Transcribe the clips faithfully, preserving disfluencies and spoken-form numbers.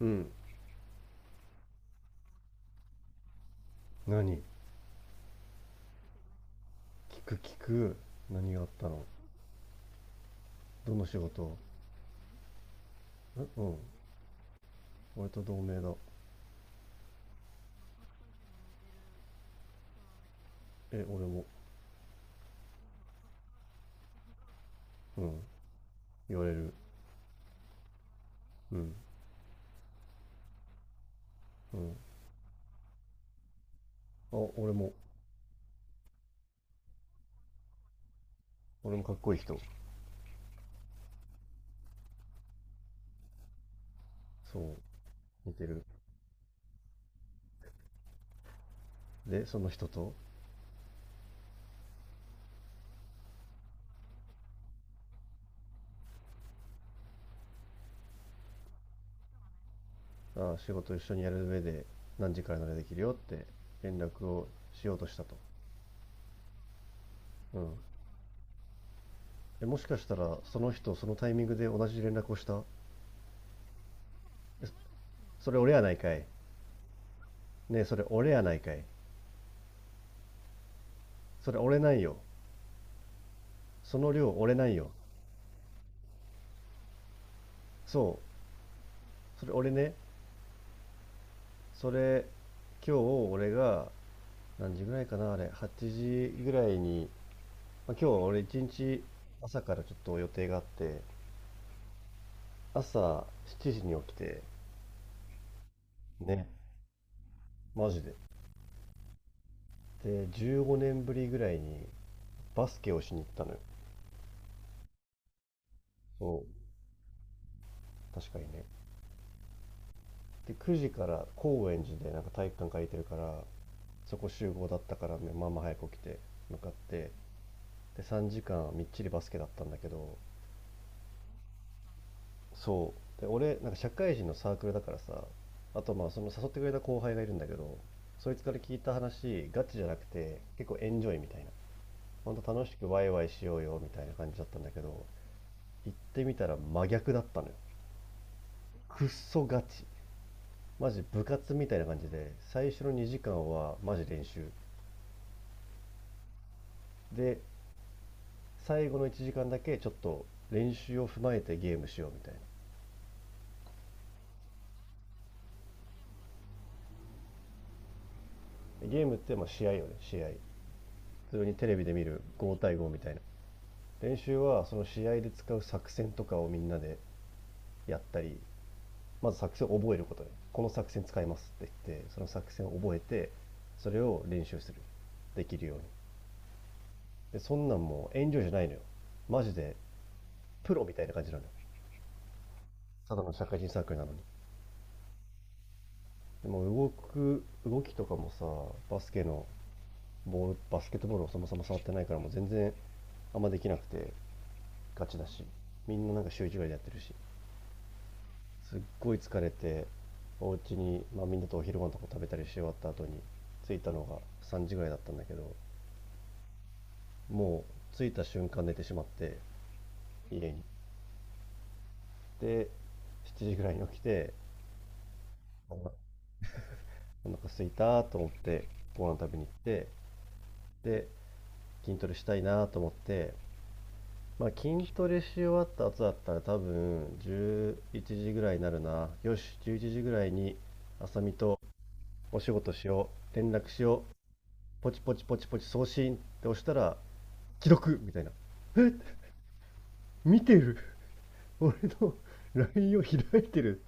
うん。何聞く聞く、何があったの？どの仕事？えうん。俺と同盟だ。え、俺も。うん、言われる。うん。うん。あ、俺も。俺もかっこいい人。そう、似てる。でその人と。あ、仕事一緒にやる上で何時からならできるよって連絡をしようとしたと。うん。え、もしかしたらその人そのタイミングで同じ連絡をした。え、それ俺やないかい。ねえ、それ俺やないかい。それ俺ないよ。その量俺ないよ。そう、それ俺ね、それ今日俺が何時ぐらいかなあれ、はちじぐらいに、まあ、今日俺一日朝からちょっと予定があって、朝しちじに起きて、ね、マジで。で、じゅうごねんぶりぐらいにバスケをしに行ったのよ。そう、確かにね。で、くじから高円寺でなんか体育館借りてるから、そこ集合だったからね、まあまあ早く起きて向かって、で、さんじかんみっちりバスケだったんだけど、そうで俺なんか社会人のサークルだからさ。あと、まあその誘ってくれた後輩がいるんだけど、そいつから聞いた話ガチじゃなくて結構エンジョイみたいな、ほんと楽しくワイワイしようよみたいな感じだったんだけど、行ってみたら真逆だったのよ。くっそガチ、マジ部活みたいな感じで、最初のにじかんはマジ練習で、最後のいちじかんだけちょっと練習を踏まえてゲームしようみたいな。ゲームってまあ試合よね、試合。普通にテレビで見るご対ごみたいな。練習はその試合で使う作戦とかをみんなでやったり、まず作戦を覚えることでこの作戦使いますって言って、その作戦を覚えて、それを練習する、できるように。でそんなんもう遠慮じゃないのよ、マジで。プロみたいな感じなのよ、ただの社会人サークルなのに。でも動く動きとかもさ、バスケのボール、バスケットボールをそもそも触ってないからもう全然あんまできなくて、ガチだし、みんななんか週一ぐらいでやってるし、すっごい疲れて、お家にまあ、みんなとお昼ご飯とか食べたりし終わった後に着いたのがさんじぐらいだったんだけど、もう着いた瞬間寝てしまって、家に。で、しちじぐらいに起きて、お腹空いたと思ってご飯食べに行って、で筋トレしたいなと思って、まあ、筋トレし終わった後だったら多分じゅういちじぐらいになるな、よしじゅういちじぐらいにあさみとお仕事しよう、連絡しよ、ポチポチポチポチ送信って押したら既読みたいな。え、見てる、俺のラインを開いてる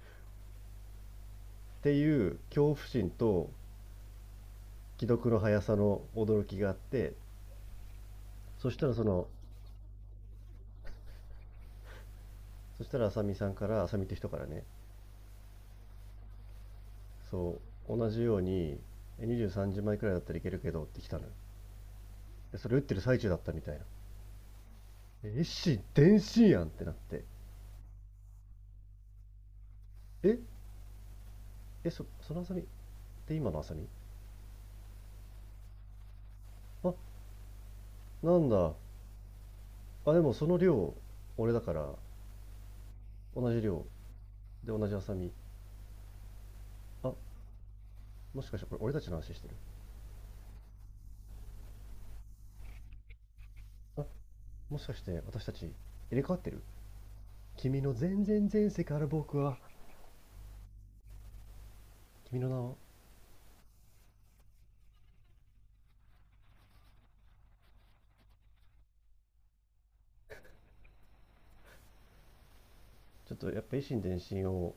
っていう恐怖心と既読の速さの驚きがあって、そしたらそのそしたらあさみさんから、あさみって人からね、そう、同じようにえにじゅうさんじ枚くらいだったらいけるけどって来たのよ。でそれ打ってる最中だったみたいな。えっし、電信やんってなって。ええそそのあさみって、今のあさみ。あ、なんだ。あ、でもその量俺だから、同じ量で同じハサミ。あ、もしかしてこれ俺たちの話してる？あ、もしかして私たち入れ替わってる？君の全然前世から僕は、君の名を。ちょっとやっぱ維新伝心を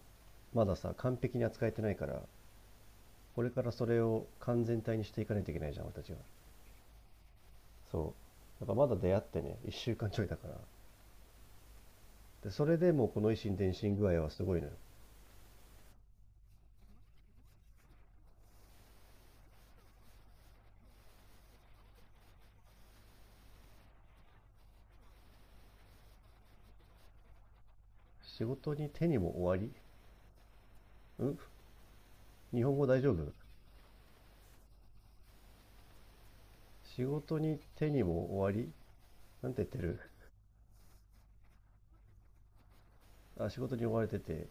まださ完璧に扱えてないから、これからそれを完全体にしていかないといけないじゃん俺たちは。そうだから、まだ出会ってねいっしゅうかんちょいだから、でそれでもうこの維新伝心具合はすごいのよ。仕事に手にも終わり。うん。日本語大丈夫？仕事に手にも終わり。なんて言ってる？あ、仕事に追われてて、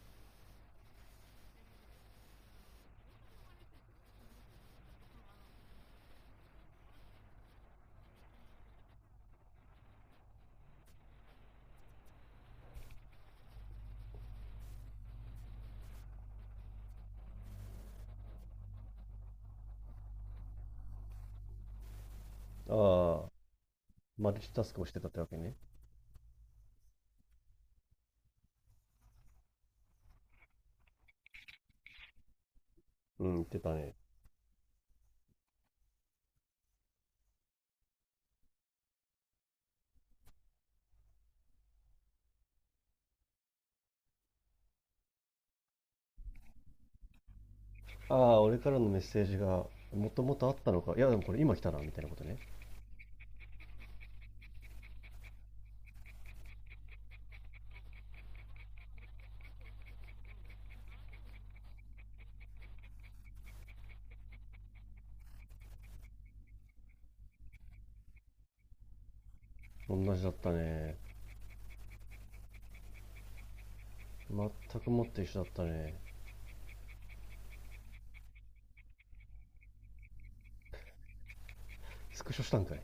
ああ、マルチタスクをしてたってわけね。うん、言ってたね。ああ、俺からのメッセージが、もともとあったのか。いや、でもこれ今来たな、みたいなことね。同じだったね。全くもって一緒だったね。スクショしたんかい。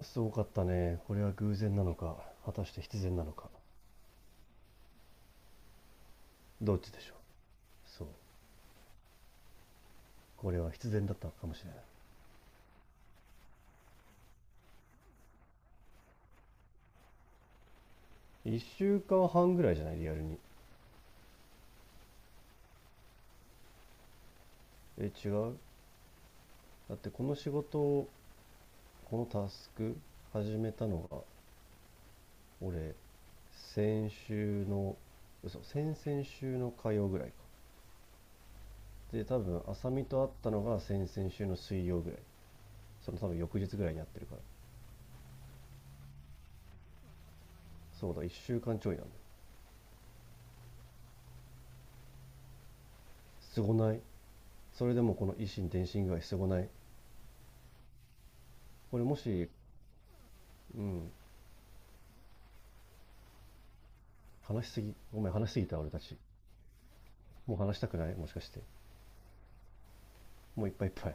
すごかったね。これは偶然なのか、果たして必然なのか。どっちでしょう。そう。これは必然だったかもしれない。いっしゅうかんはんぐらいじゃない、リアルに。え、違う。だってこの仕事を、このタスク始めたのが俺、先週の、嘘、先々週の火曜ぐらいか。で、多分、浅見と会ったのが先々週の水曜ぐらい。その多分翌日ぐらいに会ってるから。そうだ、いっしゅうかんちょいなんだ。すごない？それでもこの維新伝心具合すごない？これもし、うん、話しすぎ。ごめん、話しすぎた、俺たち。もう話したくないもしかして。もういっぱいいっぱい。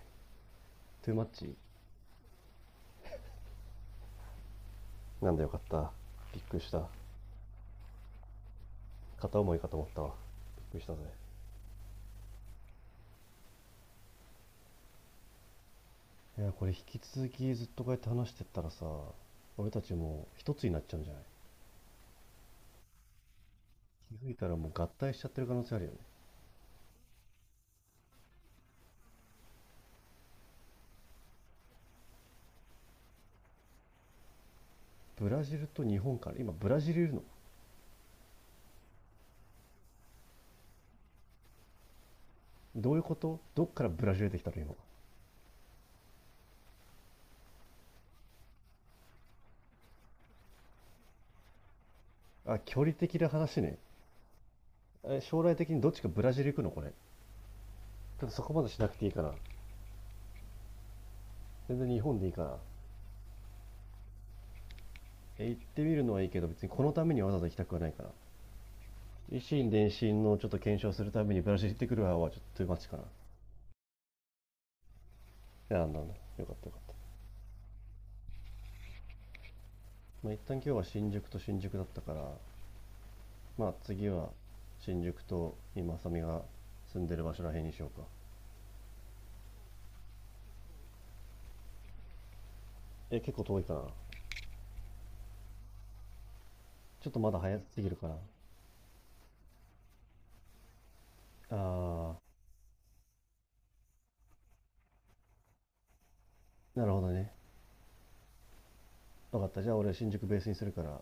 トゥーマッチ。なんだ、よかった。びっくりした。片思いかと思ったわ、びっくりしたぜ。いや、これ引き続きずっとこうやって話してったらさ、俺たちもう一つになっちゃうんじゃない？気づいたらもう合体しちゃってる可能性あるよね。ブラジルと日本から、今ブラジルいるの？どういうこと、どっからブラジル出てきたの今。あ、距離的な話ね。え、将来的にどっちかブラジル行くのこれ？ちょっとそこまでしなくていいかな。全然日本でいいかな。え、行ってみるのはいいけど、別にこのためにわざわざ行きたくはないから。維新伝心のちょっと検証するためにブラジル行ってくる派はちょっと待ちかな。いや、なんだなんだ。よかったよかった。まあ、一旦今日は新宿と新宿だったから、まあ次は新宿と今浅見が住んでる場所らへんにしようか。え、結構遠いかな？ちょっとまだ早すぎるかな？あー、なるほどね。分かった、じゃあ俺新宿ベースにするから、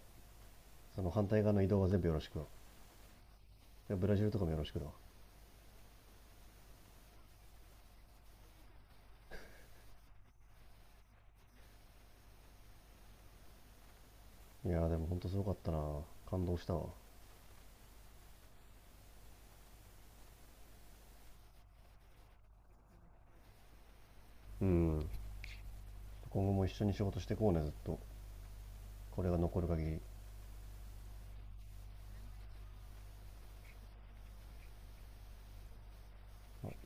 その反対側の移動は全部よろしく。いや、ブラジルとかもよろしくだ。いやー、でもほんとすごかったな。感動したわ。うん、今後も一緒に仕事してこうね、ずっと、これが残る限り。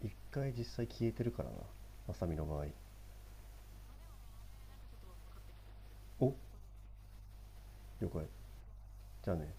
一回実際消えてるからな、浅見の場合。お、了解。じゃあね。